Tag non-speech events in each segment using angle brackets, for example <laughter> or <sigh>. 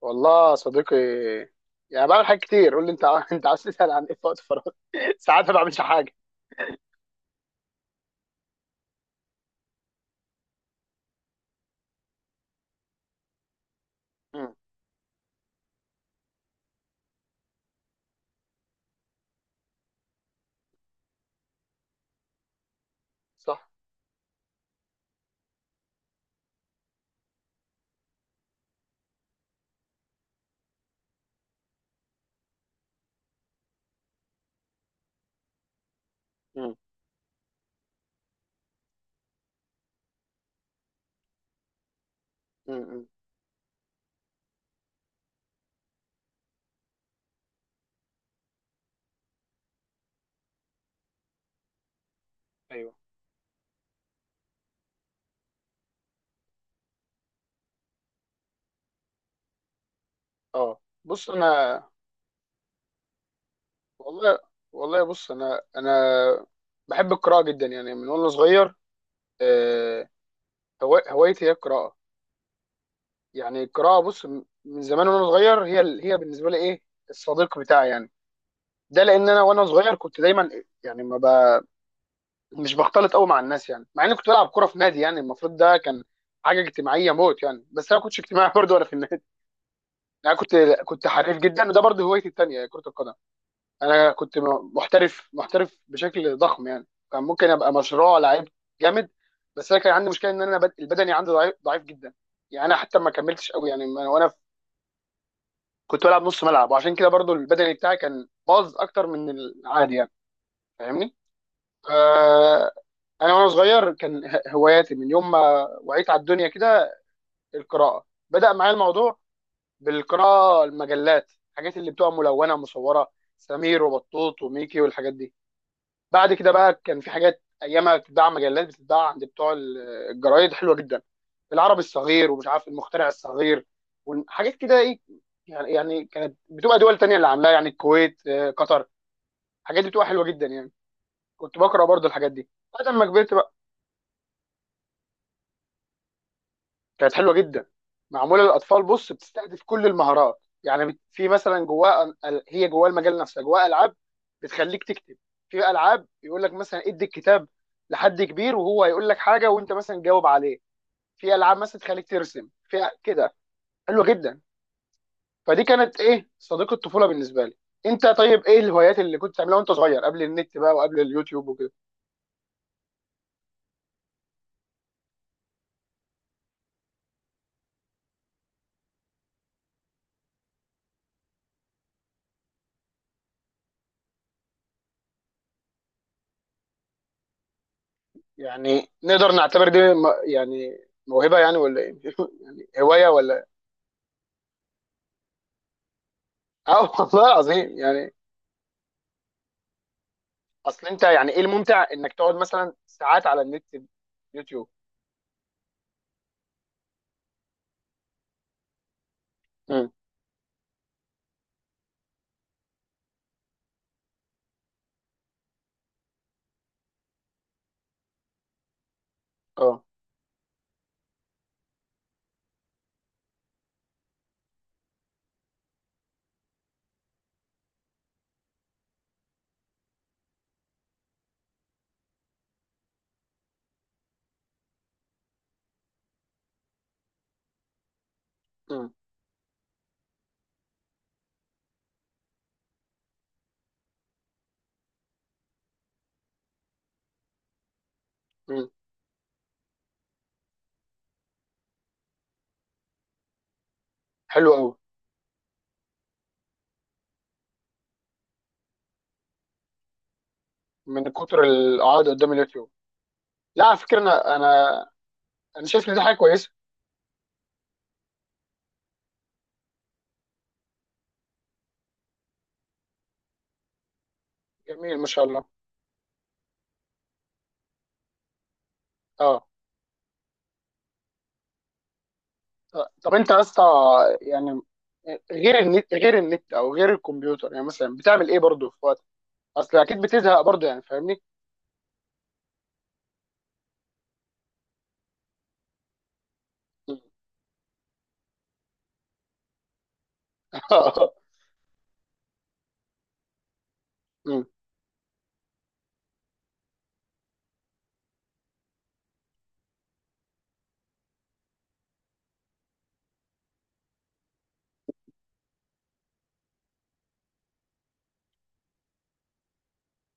والله يا صديقي، يعني بعمل حاجات كتير. قول لي انت <laughs> انت عايز تسال عن ايه في وقت فراغ؟ <laughs> ساعات ما بعملش حاجه. امم. صح. امم. امم. ايوه. اه، بص انا. والله، والله بص انا بحب القراءه جدا يعني من وانا صغير. آه، هوايتي هي القراءه. يعني القراءه، بص، من زمان وانا صغير هي هي بالنسبه لي ايه؟ الصديق بتاعي يعني. ده لان انا وانا صغير كنت دايما يعني ما مش بختلط قوي مع الناس. يعني مع اني كنت بلعب كوره في نادي، يعني المفروض ده كان حاجه اجتماعيه موت يعني، بس انا ما كنتش اجتماعي <laughs> برضه وانا في النادي. انا كنت حريف جدا، وده برضه هوايتي التانيه هي كره القدم. انا كنت محترف، محترف بشكل ضخم، يعني كان ممكن ابقى مشروع لعيب. جامد. بس انا كان عندي مشكله ان انا البدني عندي ضعيف، ضعيف جدا. يعني انا حتى ما كملتش قوي يعني كنت بلعب نص ملعب، وعشان كده برضه البدني بتاعي كان باظ اكتر من العادي يعني. فاهمني. آه، انا وانا صغير كان هواياتي من يوم ما وعيت على الدنيا كده القراءه. بدا معايا الموضوع بالقراءه، المجلات، الحاجات اللي بتبقى ملونه مصوره: سمير وبطوط وميكي والحاجات دي. بعد كده بقى كان في حاجات ايامها بتتباع، مجلات بتتباع عند بتوع الجرايد حلوه جدا: العربي الصغير، ومش عارف، المخترع الصغير، وحاجات كده ايه يعني. كانت بتبقى دول تانية اللي عاملاها، يعني الكويت، قطر. الحاجات دي بتبقى حلوه جدا يعني. كنت بقرا برضو الحاجات دي بعد ما كبرت. كانت حلوه جدا، معموله للاطفال. بص، بتستهدف كل المهارات. يعني في مثلا جواه هي جواه المجال نفسه جواه العاب بتخليك تكتب، في العاب يقول لك مثلا ادي الكتاب لحد كبير وهو هيقول لك حاجه وانت مثلا جاوب عليه، في العاب مثلا تخليك ترسم في كده. حلوه جدا. فدي كانت ايه، صديق الطفوله بالنسبه لي. انت طيب، ايه الهوايات اللي كنت بتعملها وانت صغير قبل النت بقى وقبل اليوتيوب وكده؟ يعني نقدر نعتبر دي يعني موهبه يعني، ولا ايه <laughs> يعني هوايه ولا؟ اه والله العظيم يعني. اصل انت يعني، ايه الممتع انك تقعد مثلا ساعات على النت؟ يوتيوب. امم. اه. امم. امم. حلو قوي. من كتر القعاد قدام اليوتيوب؟ لا على فكره، انا انا شايف ان دي حاجه كويسه. جميل، ما شاء الله. اه. طب انت يا اسطى، يعني غير النت او غير الكمبيوتر، يعني مثلا بتعمل ايه برضه في وقت؟ اصل اكيد بتزهق برضه يعني. فاهمني. <laughs> امم.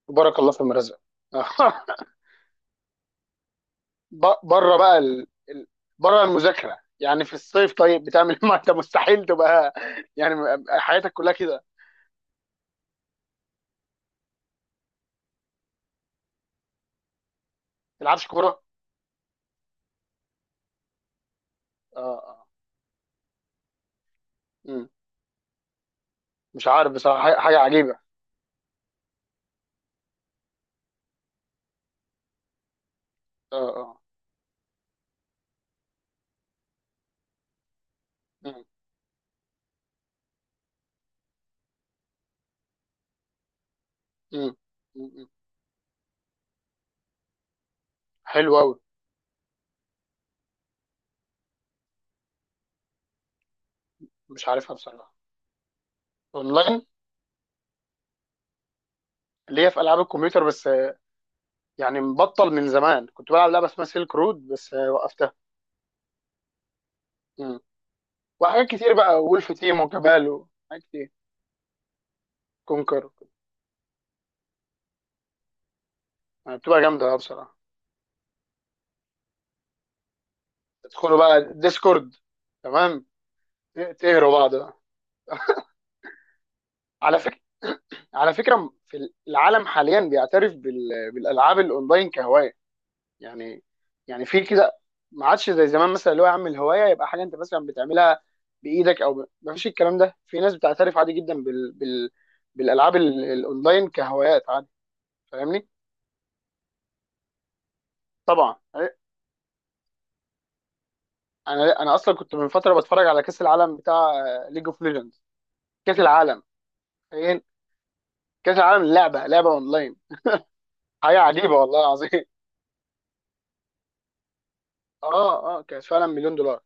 بارك الله في المرزق. <laughs> بره بقى بره المذاكره يعني في الصيف، طيب بتعمل إيه؟ <laughs> ما انت مستحيل تبقى يعني حياتك كلها كده، ما تلعبش كوره؟ اه. اه. مم. مش عارف بصراحه حاجة عجيبه. اه. اه. مم. مم. مم. حلو قوي. مش عارفها بصراحه. اونلاين؟ اللي هي في العاب الكمبيوتر بس. يعني مبطل من زمان. كنت بلعب لعبه اسمها سيلك رود بس وقفتها. مم. وحاجات كتير بقى، وولف تيم وكبال وحاجات كتير، كونكر. بتبقى جامده بصراحه. تدخلوا بقى ديسكورد، تمام، تهروا بعض بقى. على فكره على فكره في العالم حاليا بيعترف بالالعاب الاونلاين كهوايه. يعني يعني في كده، ما عادش زي زمان. مثلا اللي هو يا عم الهوايه يبقى حاجه انت مثلا بتعملها بايدك، او ما فيش الكلام ده، في ناس بتعترف عادي جدا بالالعاب الاونلاين كهوايات عادي. فاهمني. طبعا إيه. انا اصلا كنت من فتره بتفرج على كاس العالم بتاع ليج اوف ليجندز. كاس العالم فين؟ كاس العالم لعبه اونلاين. حاجه عجيبه والله العظيم. <laughs> اه. اه. كانت فعلا مليون دولار.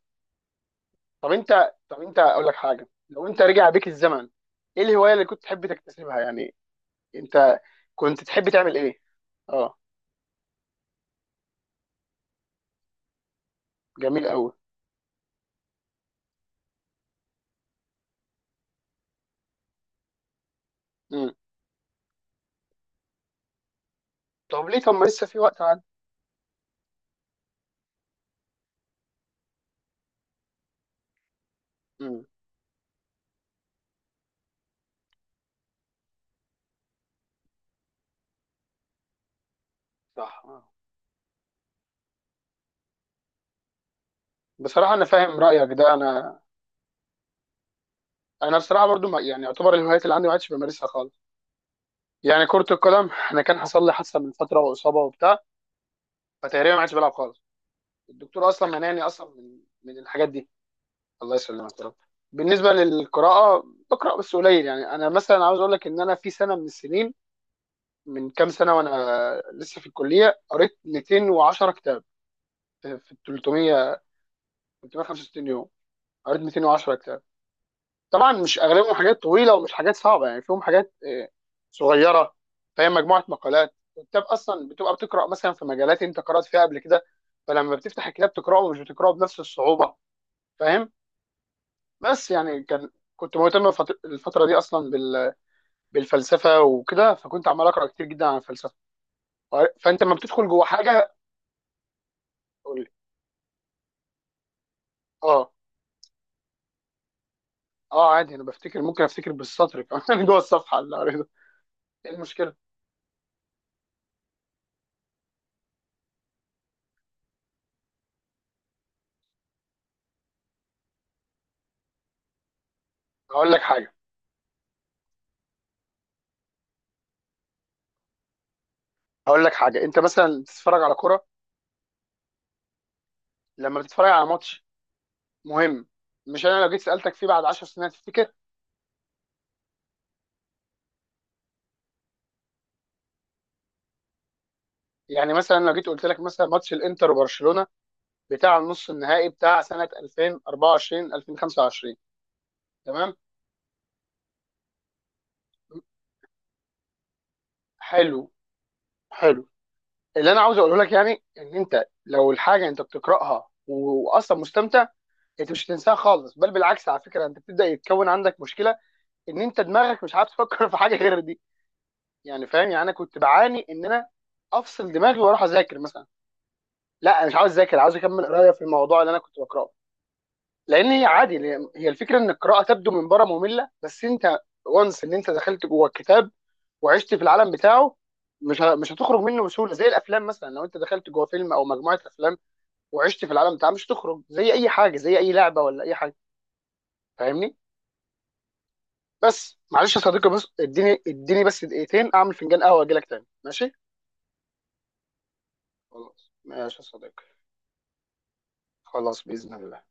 طب انت اقول لك حاجه، لو انت رجع بيك الزمن، ايه الهوايه اللي كنت تحب تكتسبها يعني؟ انت كنت تحب تعمل ايه؟ اه. جميل قوي. امم. طب ليه؟ طب ما لسه في وقت، عاد. امم. صح. آه. بصراحه انا فاهم رايك ده. انا، انا بصراحه برضو ما يعني، يعتبر الهوايات اللي عندي ما عادش بمارسها خالص. يعني كره القدم انا كان حصل لي حادثه من فتره واصابه وبتاع، فتقريبا ما عادش بلعب خالص. الدكتور اصلا منعني اصلا من الحاجات دي. الله يسلمك يا رب. بالنسبه للقراءه، بقرا بس قليل. يعني انا مثلا عاوز اقول لك ان انا في سنه من السنين، من كام سنه وانا لسه في الكليه، قريت 210 كتاب في ال 300 365 يوم. قريت 210 كتاب. طبعا مش اغلبهم حاجات طويله ومش حاجات صعبه، يعني فيهم حاجات صغيره. فهي مجموعه مقالات، والكتاب اصلا بتبقى بتقرا مثلا في مجالات انت قرات فيها قبل كده، فلما بتفتح الكتاب تقراه مش بتقراه بنفس الصعوبه. فاهم. بس يعني كان، كنت مهتم الفتره دي اصلا بالفلسفه وكده، فكنت عمال اقرا كتير جدا عن الفلسفه. فانت لما بتدخل جوه حاجه. قول لي. اه. اه عادي، انا بفتكر، ممكن افتكر بالسطر كمان <laughs> جوه الصفحه اللي قريتها. ايه المشكله؟ هقول لك حاجه هقول لك حاجه انت مثلا بتتفرج على كوره. لما بتتفرج على ماتش مهم، مش انا لو جيت سالتك فيه بعد 10 سنين هتفتكر؟ يعني مثلا لو جيت قلت لك مثلا ماتش الانتر وبرشلونه بتاع النص النهائي بتاع سنه 2024 2025، تمام؟ حلو. حلو. اللي انا عاوز اقوله لك يعني ان انت لو الحاجه انت بتقراها واصلا مستمتع، انت مش هتنساها خالص. بل بالعكس، على فكره، انت بتبدا يتكون عندك مشكله ان انت دماغك مش عارف تفكر في حاجه غير دي. يعني فاهم، يعني انا كنت بعاني ان انا افصل دماغي واروح اذاكر مثلا. لا، انا مش عاوز اذاكر، عاوز اكمل قرايه في الموضوع اللي انا كنت بقراه. لان هي عادي، هي هي الفكره ان القراءه تبدو من بره ممله، بس انت وانس ان انت دخلت جوه الكتاب وعشت في العالم بتاعه مش مش هتخرج منه بسهوله. زي الافلام مثلا لو انت دخلت جوه فيلم او مجموعه افلام وعشت في العالم بتاعها مش هتخرج. زي اي حاجه، زي اي لعبه ولا اي حاجه. فاهمني. بس معلش يا صديقي، بس اديني، اديني بس دقيقتين، اعمل فنجان قهوه واجي لك تاني، ماشي؟ خلاص ماشي يا صديقي، خلاص باذن الله.